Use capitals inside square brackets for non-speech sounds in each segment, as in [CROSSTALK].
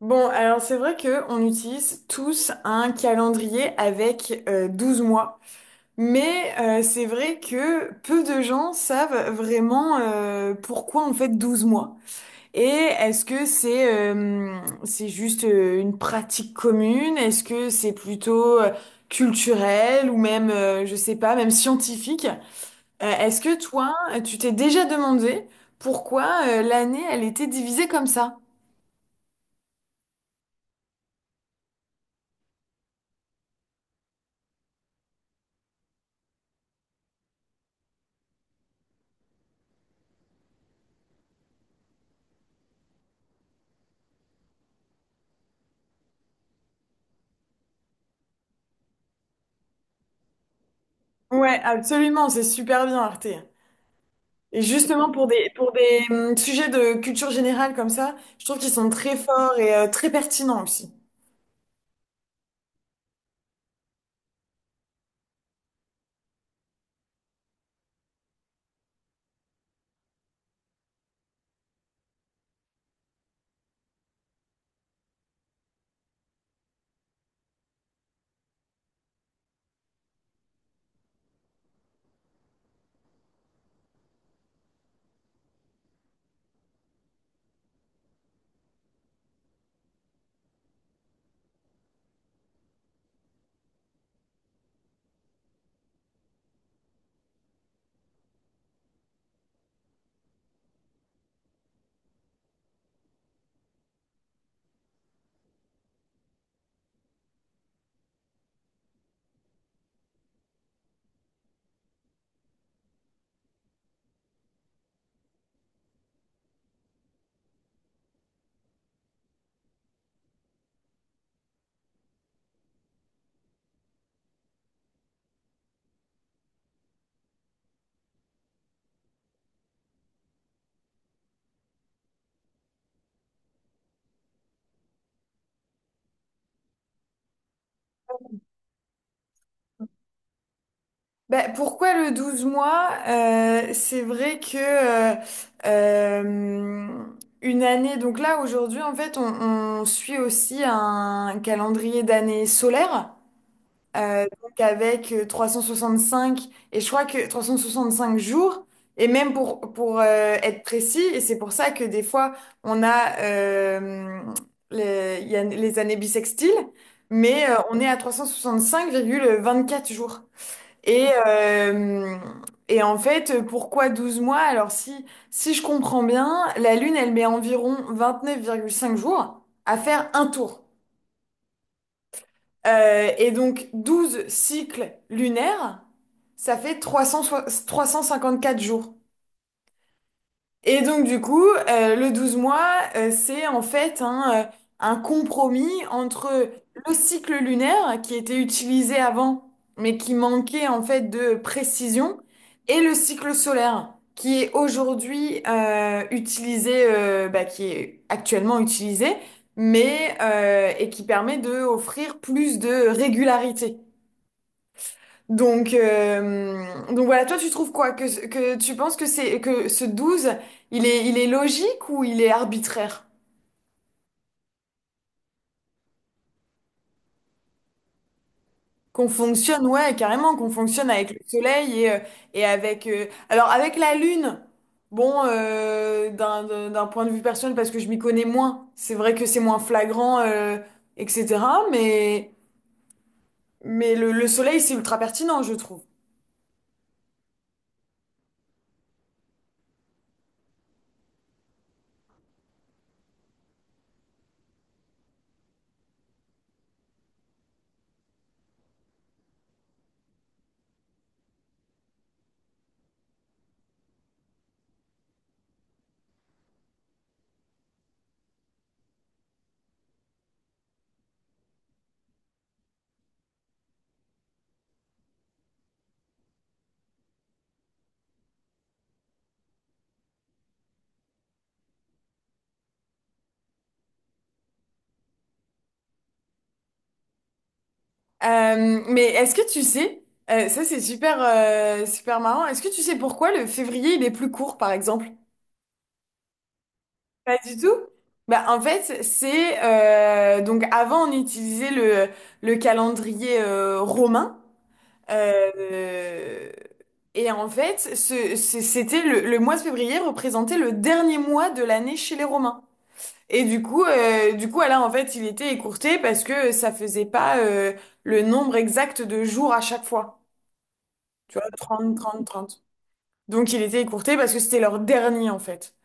Bon, alors c'est vrai que on utilise tous un calendrier avec 12 mois, mais c'est vrai que peu de gens savent vraiment pourquoi on fait 12 mois. Et est-ce que c'est juste une pratique commune? Est-ce que c'est plutôt culturel ou même, je sais pas, même scientifique? Est-ce que toi, tu t'es déjà demandé pourquoi l'année, elle était divisée comme ça? Ouais, absolument, c'est super bien, Arte. Et justement, pour des sujets de culture générale comme ça, je trouve qu'ils sont très forts et très pertinents aussi. Bah, pourquoi le 12 mois? C'est vrai que euh, une année, donc là aujourd'hui en fait on suit aussi un calendrier d'année solaire. Donc avec 365, et je crois que 365 jours, et même pour être précis, et c'est pour ça que des fois, on a, euh, il y a les années bissextiles, mais on est à 365,24 jours. Et, euh, et en fait, pourquoi 12 mois? Si je comprends bien, la Lune, elle met environ 29,5 jours à faire un tour. Et donc 12 cycles lunaires, ça fait quatre jours. Et donc du coup, le 12 mois, c'est en fait un compromis entre le cycle lunaire qui était utilisé avant, mais qui manquait en fait de précision, et le cycle solaire qui est aujourd'hui utilisé, bah, qui est actuellement utilisé, et qui permet de offrir plus de régularité. Donc, euh, donc voilà, toi tu trouves quoi? Que tu penses que c'est que ce 12, il est logique ou il est arbitraire? Qu'on fonctionne, ouais, carrément, qu'on fonctionne avec le soleil et avec... alors avec la lune, bon, d'un point de vue personnel, parce que je m'y connais moins, c'est vrai que c'est moins flagrant, etc. Mais, mais le soleil, c'est ultra pertinent, je trouve. Mais est-ce que tu sais, ça c'est super, super marrant, est-ce que tu sais pourquoi le février il est plus court par exemple? Pas du tout? Bah, en fait, c'est donc avant on utilisait le calendrier romain euh, et en fait c'était le mois de février représentait le dernier mois de l'année chez les Romains. Et du coup, là, en fait, il était écourté parce que ça faisait pas le nombre exact de jours à chaque fois. Tu vois, 30 30 30. Donc il était écourté parce que c'était leur dernier en fait.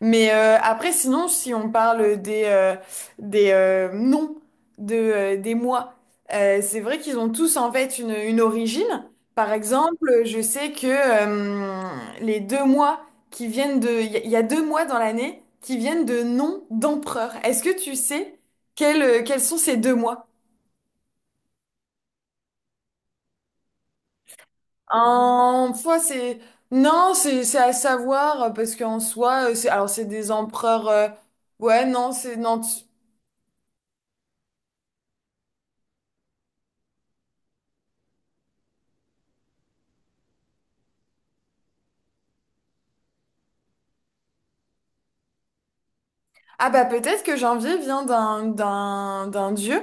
Mais après, sinon, si on parle des noms des mois, c'est vrai qu'ils ont tous en fait une origine. Par exemple, je sais que les deux mois qui viennent de... il y a deux mois dans l'année qui viennent de noms d'empereurs. Est-ce que tu sais quels sont ces deux mois? En foi, c'est non, c'est à savoir parce qu'en soi, c'est alors c'est des empereurs. Ouais, non, c'est non. Ah bah peut-être que janvier vient d'un dieu.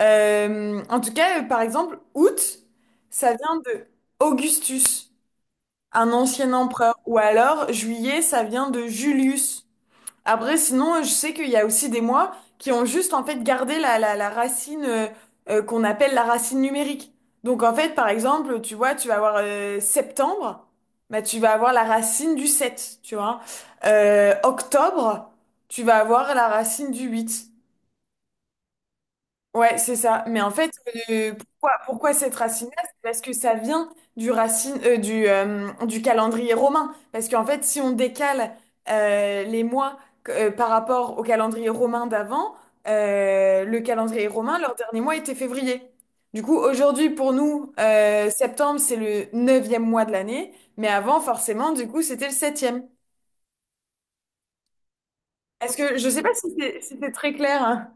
En tout cas, par exemple, août, ça vient de Augustus, un ancien empereur, ou alors juillet, ça vient de Julius. Après, sinon, je sais qu'il y a aussi des mois qui ont juste en fait gardé la racine qu'on appelle la racine numérique. Donc en fait, par exemple, tu vois, tu vas avoir septembre, bah, tu vas avoir la racine du 7, tu vois. Octobre, tu vas avoir la racine du 8. Ouais, c'est ça. Mais en fait, pourquoi, pourquoi cette racine-là? C'est parce que ça vient du racine, du calendrier romain. Parce qu'en fait, si on décale les mois par rapport au calendrier romain d'avant, le calendrier romain, leur dernier mois était février. Du coup, aujourd'hui, pour nous, septembre, c'est le neuvième mois de l'année. Mais avant, forcément, du coup, c'était le septième. Je sais pas si si c'était très clair, hein.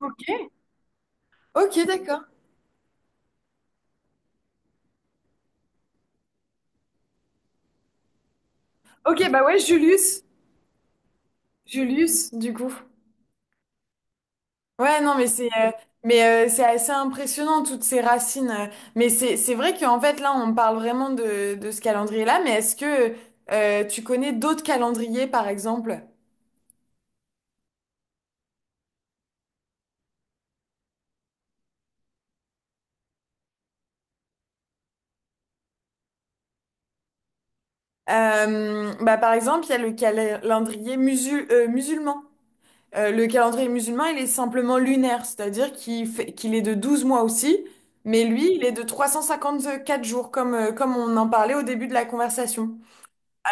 Ok, ok, d'accord. Ok, bah ouais, Julius. Julius, du coup. Ouais, non, mais c'est mais C'est assez impressionnant toutes ces racines. Mais c'est vrai qu'en fait là, on parle vraiment de ce calendrier-là. Mais est-ce que tu connais d'autres calendriers, par exemple? Par exemple, il y a le calendrier musulman. Le calendrier musulman, il est simplement lunaire, c'est-à-dire qu'il est de 12 mois aussi, mais lui, il est de 354 jours, comme on en parlait au début de la conversation.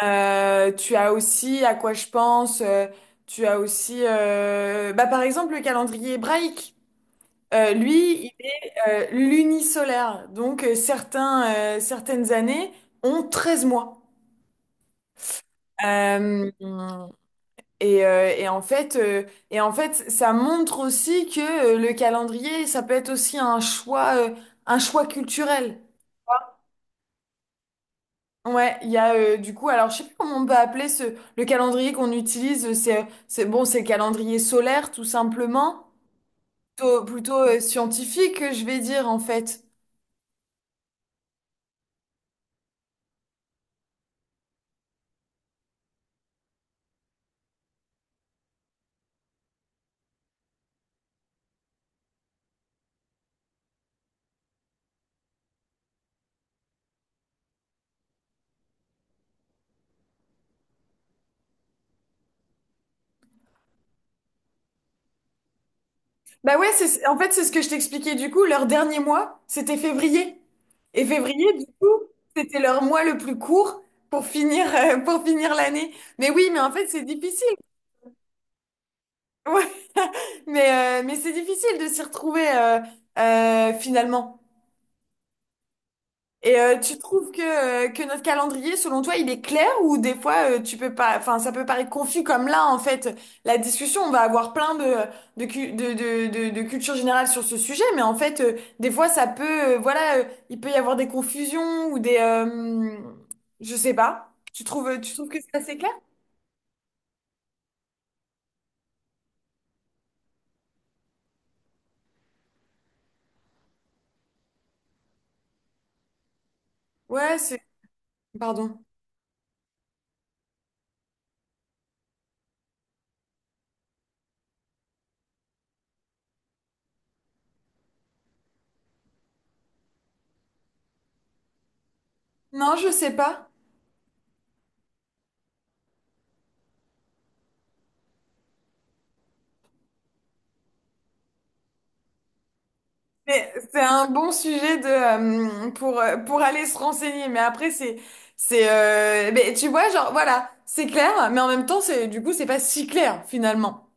Tu as aussi à quoi je pense. Tu as aussi, par exemple, le calendrier hébraïque. Lui, il est lunisolaire. Donc, certaines années ont 13 mois. Euh, et, euh, et en fait, euh, et en fait, ça montre aussi que le calendrier, ça peut être aussi un choix culturel. Ouais, il y a du coup, alors je sais plus comment on peut appeler ce le calendrier qu'on utilise, c'est bon, c'est le calendrier solaire tout simplement, plutôt scientifique, je vais dire en fait. Bah ouais, c'est en fait c'est ce que je t'expliquais du coup, leur dernier mois, c'était février. Et février du coup, c'était leur mois le plus court pour finir l'année. Mais oui, mais en fait, c'est difficile. Ouais. [LAUGHS] Mais c'est difficile de s'y retrouver finalement. Et tu trouves que notre calendrier, selon toi, il est clair ou des fois tu peux pas, enfin ça peut paraître confus comme là en fait. La discussion, on va avoir plein de cu- de culture générale sur ce sujet, mais en fait des fois ça peut, voilà, il peut y avoir des confusions ou je sais pas. Tu trouves que c'est assez clair? Ouais, c'est, pardon. Non, je sais pas. Mais c'est un bon sujet pour aller se renseigner. Mais après, mais tu vois, genre, voilà, c'est clair, mais en même temps, c'est, du coup, c'est pas si clair, finalement.